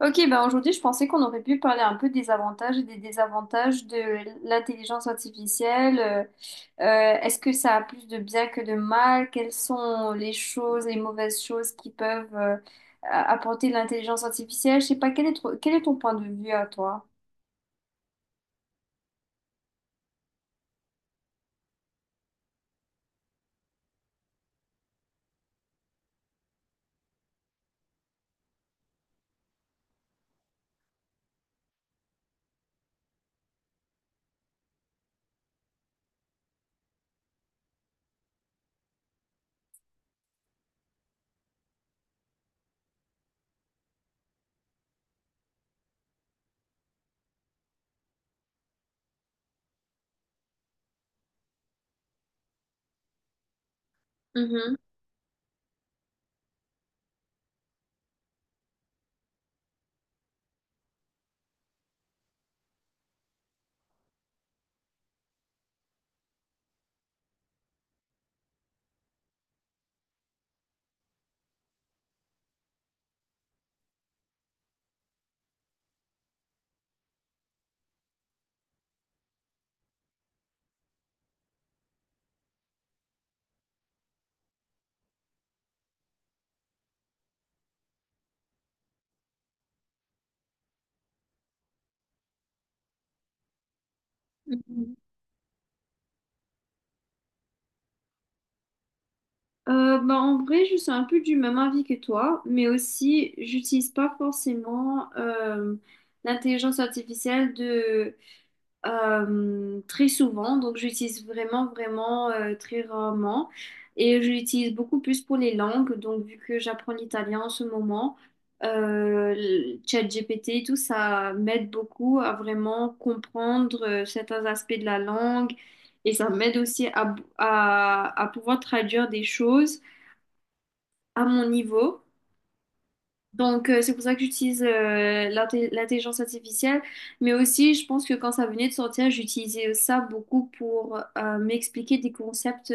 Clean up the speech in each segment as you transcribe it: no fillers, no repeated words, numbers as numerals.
Ok, ben aujourd'hui, je pensais qu'on aurait pu parler un peu des avantages et des désavantages de l'intelligence artificielle. Est-ce que ça a plus de bien que de mal? Quelles sont les choses, les mauvaises choses qui peuvent apporter l'intelligence artificielle? Je sais pas, quel est ton point de vue à toi? Mhm, mhm. Bah, en vrai, je suis un peu du même avis que toi, mais aussi, j'utilise pas forcément l'intelligence artificielle très souvent, donc j'utilise vraiment très rarement. Et je l'utilise beaucoup plus pour les langues, donc vu que j'apprends l'italien en ce moment, le ChatGPT, tout ça m'aide beaucoup à vraiment comprendre certains aspects de la langue et ça m'aide aussi à pouvoir traduire des choses à mon niveau. Donc, c'est pour ça que j'utilise l'intelligence artificielle. Mais aussi, je pense que quand ça venait de sortir, j'utilisais ça beaucoup pour m'expliquer des concepts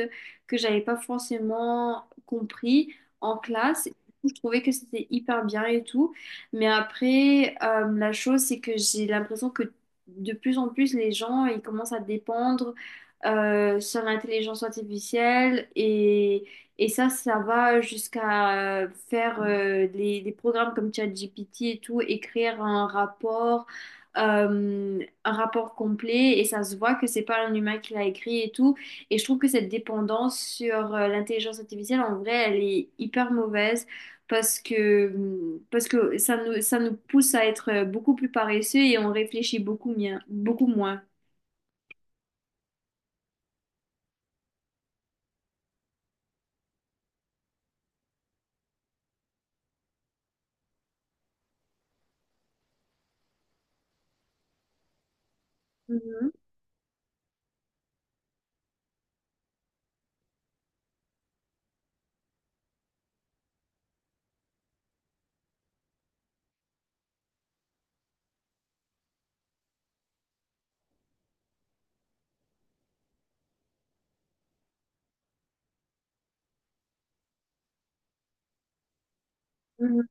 que j'avais pas forcément compris en classe. Je trouvais que c'était hyper bien et tout. Mais après, la chose, c'est que j'ai l'impression que de plus en plus, les gens, ils commencent à dépendre sur l'intelligence artificielle, et ça va jusqu'à des programmes comme ChatGPT et tout, écrire euh, un rapport complet, et ça se voit que c'est pas un humain qui l'a écrit et tout. Et je trouve que cette dépendance sur l'intelligence artificielle, en vrai, elle est hyper mauvaise parce que, parce que ça nous pousse à être beaucoup plus paresseux et on réfléchit beaucoup moins. Mhm, mhm.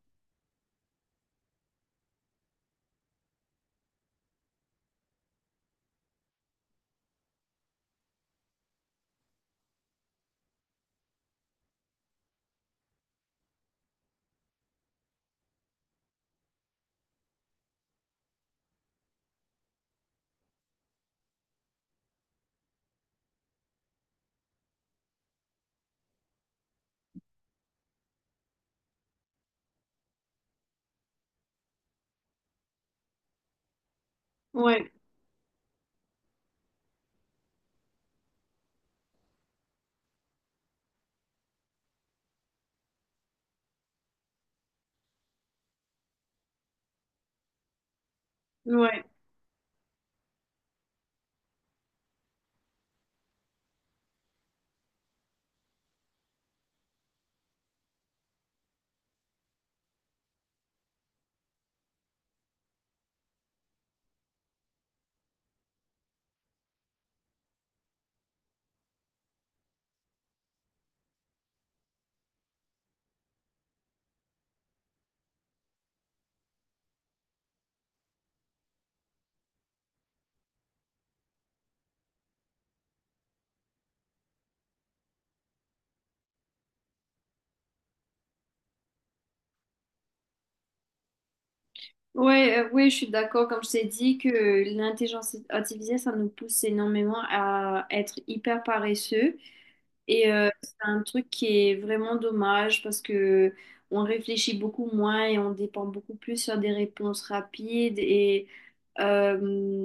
Ouais, ouais. Ouais, ouais, je suis d'accord. Comme je t'ai dit, que l'intelligence artificielle, ça nous pousse énormément à être hyper paresseux. Et c'est un truc qui est vraiment dommage parce que on réfléchit beaucoup moins et on dépend beaucoup plus sur des réponses rapides et euh,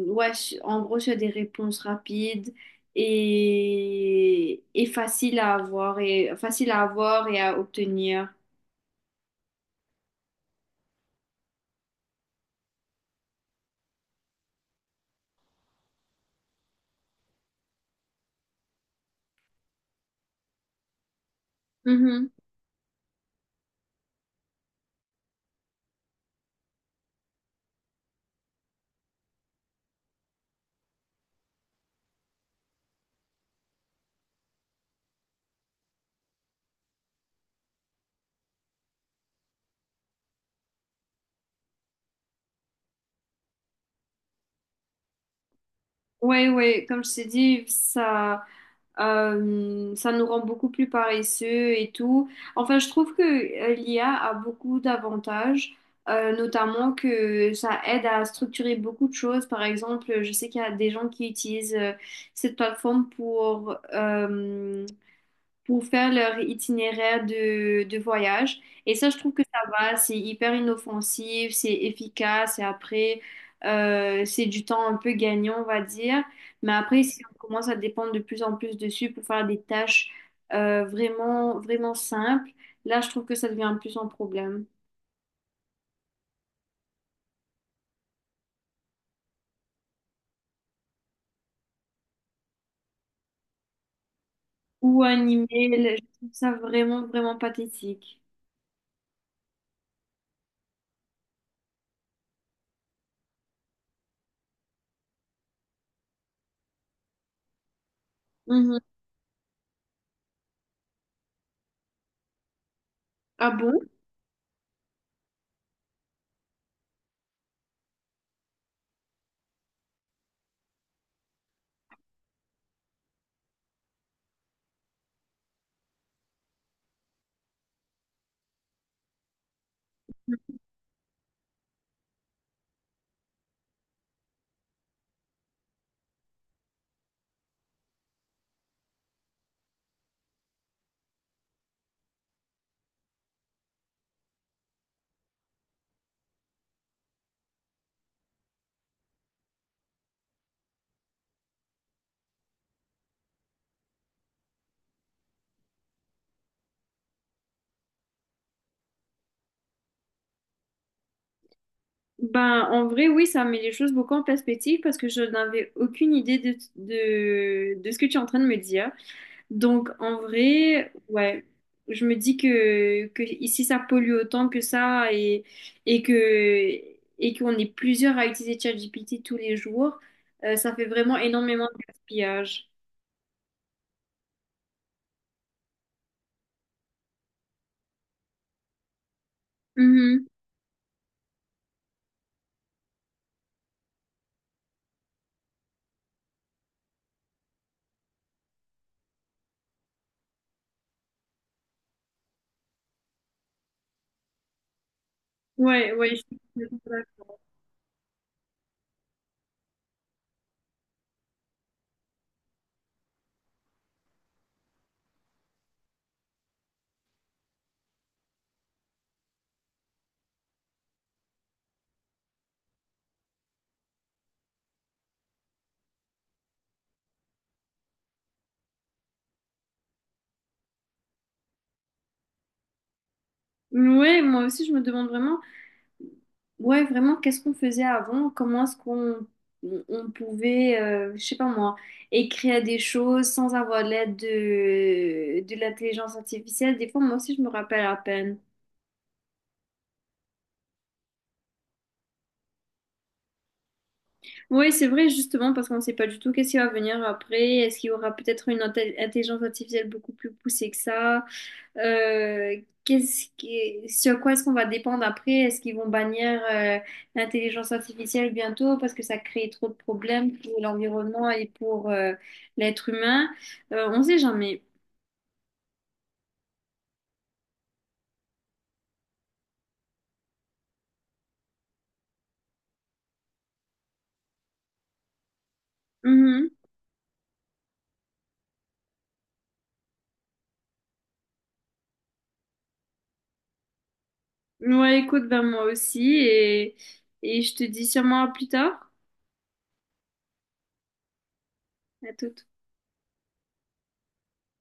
ouais, su- en gros sur des réponses rapides et faciles à avoir et à obtenir. Mhm. Ouais, ouais, comme je t'ai dit, ça. Ça nous rend beaucoup plus paresseux et tout. Enfin, je trouve que l'IA a beaucoup d'avantages, notamment que ça aide à structurer beaucoup de choses. Par exemple, je sais qu'il y a des gens qui utilisent cette plateforme pour faire leur itinéraire de voyage. Et ça, je trouve que ça va, c'est hyper inoffensif, c'est efficace, et après, c'est du temps un peu gagnant, on va dire. Mais après, si on commence à dépendre de plus en plus dessus pour faire des tâches vraiment simples, là, je trouve que ça devient plus un problème. Ou un email, je trouve ça vraiment pathétique. Mhm. Ah bon? Ben, en vrai, oui, ça met les choses beaucoup en perspective parce que je n'avais aucune idée de ce que tu es en train de me dire. Donc, en vrai, ouais, je me dis que ici, ça pollue autant que ça et que, et qu'on est plusieurs à utiliser ChatGPT tous les jours, ça fait vraiment énormément de gaspillage. Mhm. Ouais, ouais, je- ouais, moi aussi, je me demande vraiment. Ouais, vraiment, qu'est-ce qu'on faisait avant? Comment est-ce qu'on on pouvait, je sais pas moi, écrire des choses sans avoir l'aide de l'intelligence artificielle? Des fois, moi aussi, je me rappelle à peine. Oui, c'est vrai, justement, parce qu'on ne sait pas du tout qu'est-ce qui va venir après. Est-ce qu'il y aura peut-être une intelligence artificielle beaucoup plus poussée que ça? Euh, Qu'est-ce qui, sur quoi est-ce qu'on va dépendre après? Est-ce qu'ils vont bannir l'intelligence artificielle bientôt parce que ça crée trop de problèmes pour l'environnement et pour l'être humain? On sait jamais. Mhm. Ouais, écoute, ben moi aussi, et je te dis sûrement à plus tard. À tout.